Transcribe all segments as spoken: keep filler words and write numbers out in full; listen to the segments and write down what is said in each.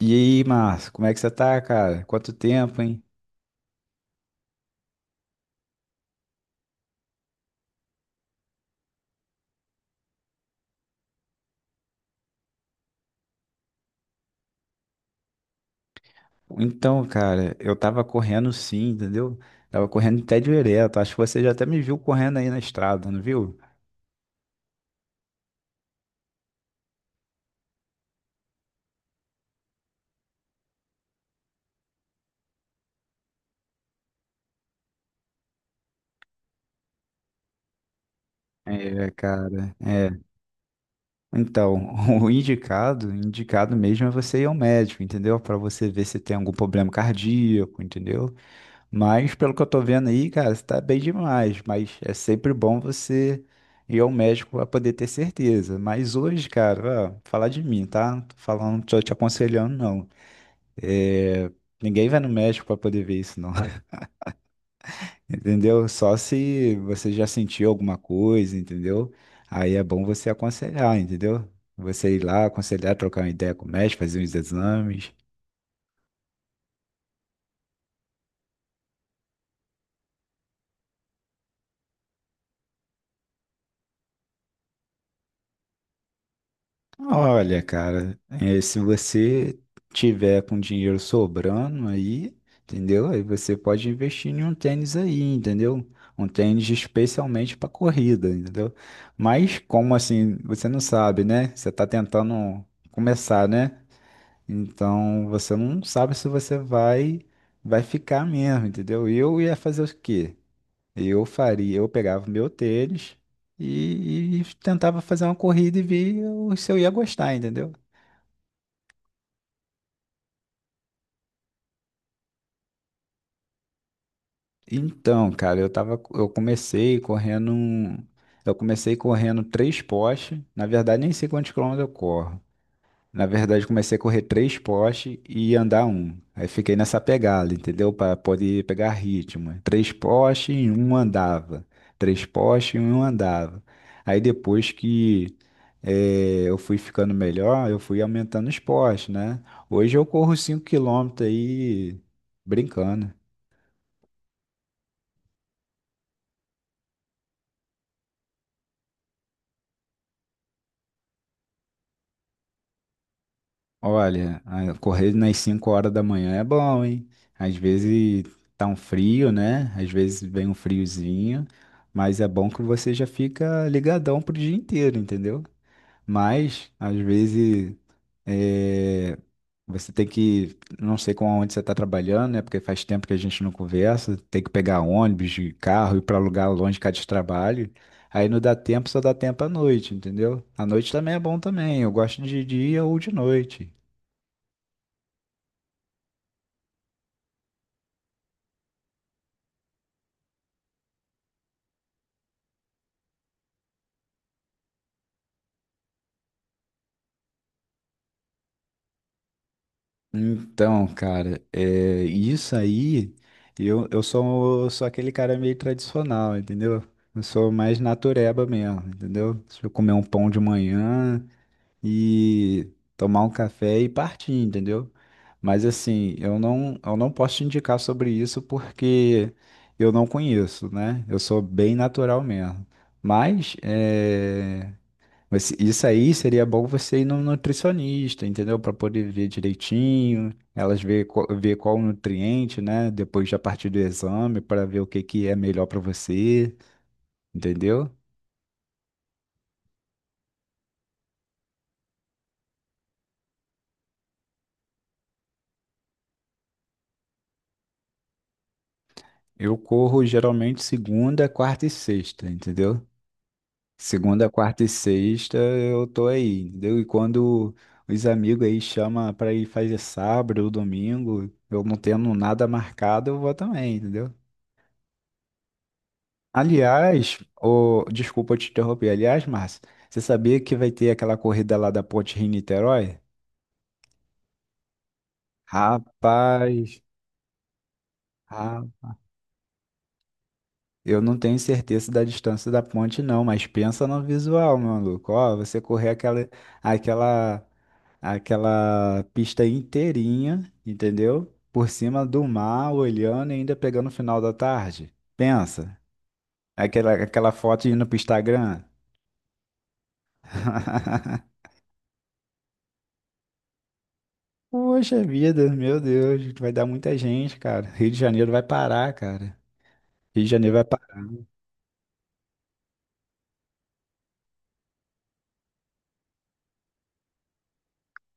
E aí, Márcio, como é que você tá, cara? Quanto tempo, hein? Então, cara, eu tava correndo sim, entendeu? Tava correndo até direto. Acho que você já até me viu correndo aí na estrada, não viu? É, cara, é. Então, o indicado, indicado mesmo é você ir ao médico, entendeu? Pra você ver se tem algum problema cardíaco, entendeu? Mas pelo que eu tô vendo aí, cara, você tá bem demais. Mas é sempre bom você ir ao médico pra poder ter certeza. Mas hoje, cara, ó, falar de mim, tá? Não tô falando, tô te aconselhando, não. É, ninguém vai no médico pra poder ver isso, não. Entendeu? Só se você já sentiu alguma coisa, entendeu? Aí é bom você aconselhar, entendeu? Você ir lá, aconselhar, trocar uma ideia com o médico, fazer uns exames. Olha, cara, é, se você tiver com dinheiro sobrando aí, entendeu? Aí você pode investir em um tênis aí, entendeu? Um tênis especialmente para corrida, entendeu? Mas como assim, você não sabe, né? Você tá tentando começar, né? Então você não sabe se você vai vai ficar mesmo, entendeu? Eu ia fazer o quê? Eu faria, eu pegava meu tênis e, e tentava fazer uma corrida e ver o- se eu ia gostar, entendeu? Então, cara, eu tava, eu comecei correndo, um- eu comecei correndo três postes. Na verdade, nem sei quantos quilômetros eu corro. Na verdade, comecei a correr três postes e andar um. Aí fiquei nessa pegada, entendeu? Para poder pegar ritmo. Três postes e um andava. Três postes e um andava. Aí depois que eh, eu fui ficando melhor, eu fui aumentando os postes, né? Hoje eu corro cinco quilômetros aí brincando. Olha, a- correr nas cinco horas da manhã é bom, hein? Às vezes tá um frio, né? Às vezes vem um friozinho, mas é bom que você já fica ligadão pro dia inteiro, entendeu? Mas, às vezes, é, você tem que, não sei com onde você tá trabalhando, né? Porque faz tempo que a gente não conversa, tem que pegar ônibus, de carro, ir pra lugar longe cá de trabalho. Aí não dá tempo, só dá tempo à noite, entendeu? À noite também é bom também. Eu gosto de dia ou de noite. Então, cara, é, isso aí, eu, eu sou, sou aquele cara meio tradicional, entendeu? Eu sou mais natureba mesmo, entendeu? Se eu comer um pão de manhã e tomar um café e partir, entendeu? Mas assim, eu não, eu não posso te indicar sobre isso porque eu não conheço, né? Eu sou bem natural mesmo. Mas é, mas isso aí seria bom você ir no nutricionista, entendeu? Para poder ver direitinho, elas ver qual, ver qual o nutriente, né? Depois já partir do exame para ver o que que é melhor para você, entendeu? Eu corro geralmente segunda, quarta e sexta, entendeu? Segunda, quarta e sexta eu tô aí, entendeu? E quando os amigos aí chamam para ir fazer sábado ou domingo, eu não tendo nada marcado, eu vou também, entendeu? Aliás, o... desculpa te interromper. Aliás, Márcio, você sabia que vai ter aquela corrida lá da Ponte Rio-Niterói? Rapaz, ah, eu não tenho certeza da distância da ponte, não, mas pensa no visual, meu maluco. Ó, você correr aquela, aquela, aquela pista inteirinha, entendeu? Por cima do mar, olhando e ainda pegando o final da tarde. Pensa, aquela, aquela foto indo pro Instagram. Poxa vida, meu Deus, vai dar muita gente, cara. Rio de Janeiro vai parar, cara. Rio de Janeiro vai parar.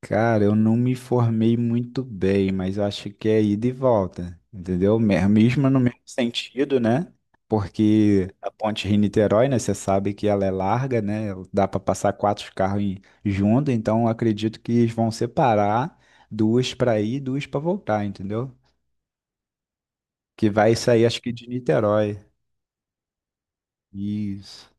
Cara, eu não me formei muito bem, mas eu acho que é ida e volta, entendeu? Me- Mesmo no mesmo sentido, né? Porque a ponte Rio-Niterói, né? Você sabe que ela é larga, né? Dá para passar quatro carros em- junto, então eu acredito que eles vão separar duas para ir e duas para voltar, entendeu? Que vai sair, acho que de Niterói. Isso.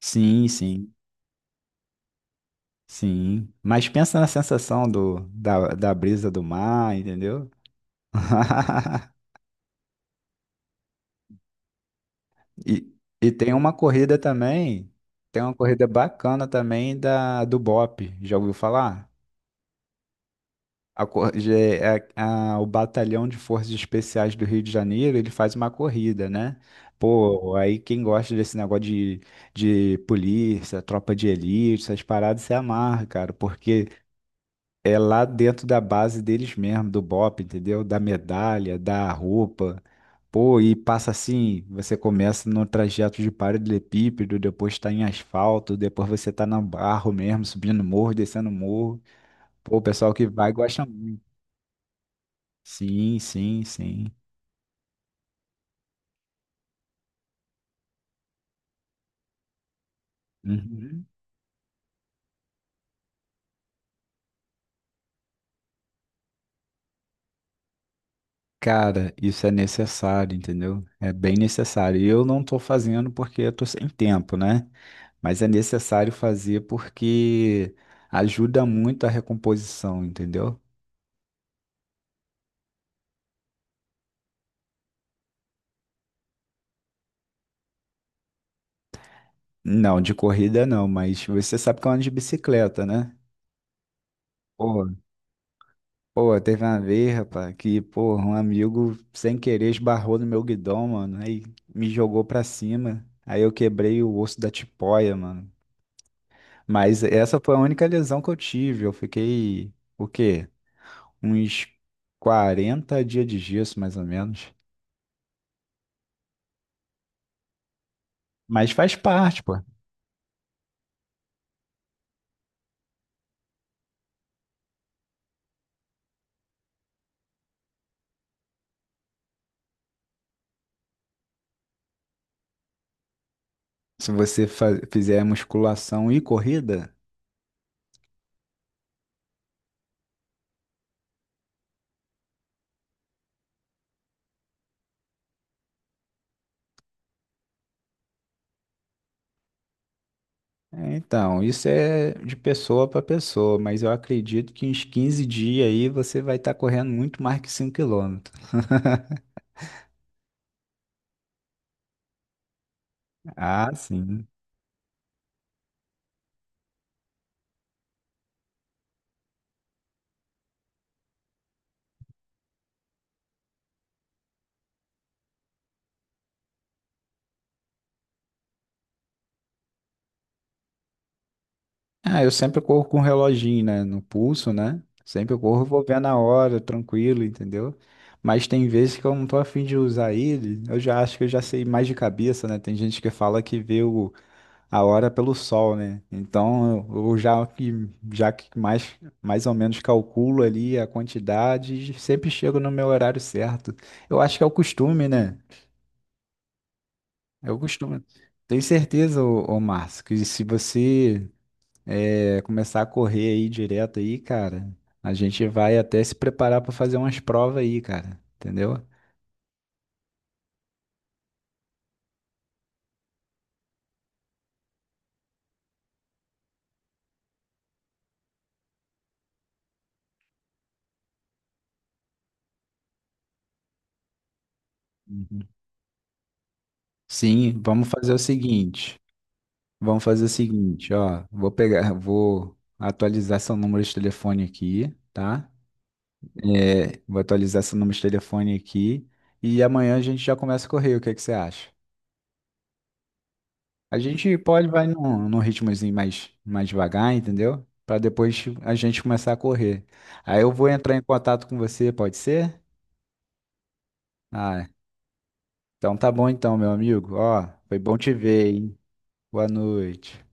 Sim, sim. Sim, mas pensa na sensação do, da, da brisa do mar, entendeu? E, e tem uma corrida também, tem uma corrida bacana também da, do B O P, já ouviu falar? A, cor- je- é- é, a- o Batalhão de Forças Especiais do Rio de Janeiro, ele faz uma corrida, né? Pô, aí quem gosta desse negócio de, de polícia, tropa de elite, essas paradas se amarra, cara, porque é lá dentro da base deles mesmo, do BOPE, entendeu? Da medalha, da roupa. Pô, e passa assim, você começa no trajeto de paralelepípedo, depois tá em asfalto, depois você tá na barro mesmo, subindo morro, descendo morro. Pô, o pessoal que vai gosta muito. Sim, sim, sim. Uhum. Cara, isso é necessário, entendeu? É bem necessário. E eu não tô fazendo porque eu tô sem tempo, né? Mas é necessário fazer porque ajuda muito a recomposição, entendeu? Não, de corrida não, mas você sabe que eu ando de bicicleta, né? Pô, pô, teve uma vez, rapaz, que, pô, um amigo sem querer esbarrou no meu guidão, mano, aí me jogou pra cima, aí eu quebrei o osso da tipoia, mano. Mas essa foi a única lesão que eu tive, eu fiquei, o quê? Uns quarenta dias de gesso, mais ou menos. Mas faz parte, pô. Se você fa- fizer musculação e corrida, é, então, isso é de pessoa para pessoa, mas eu acredito que uns quinze dias aí você vai estar correndo muito mais que cinco quilômetros. Ah, sim. Ah, eu sempre corro com um reloginho, né, no pulso, né? Sempre eu corro, vou ver na hora, tranquilo, entendeu? Mas tem vezes que eu não tô afim de usar ele, eu já acho que eu já sei mais de cabeça, né? Tem gente que fala que vê o a hora é pelo sol, né? Então, eu eu já que já que mais mais ou menos calculo ali a quantidade, e sempre chego no meu horário certo. Eu acho que é o costume, né? É o costume. Tenho certeza, ô, ô Márcio, que se você eh, começar a correr aí direto aí, cara, a gente vai até se preparar para fazer umas provas aí, cara, entendeu? Uhum. Sim, vamos fazer o seguinte. Vamos fazer o seguinte, ó. Vou pegar, vou atualizar seu número de telefone aqui, tá? É, vou atualizar seu número de telefone aqui e amanhã a gente já começa a correr. O que é que você acha? A gente pode vai num, num ritmozinho mais, mais devagar, entendeu? Pra depois a gente começar a correr. Aí eu vou entrar em contato com você, pode ser? Ah, então tá bom então, meu amigo. Ó, foi bom te ver, hein? Boa noite.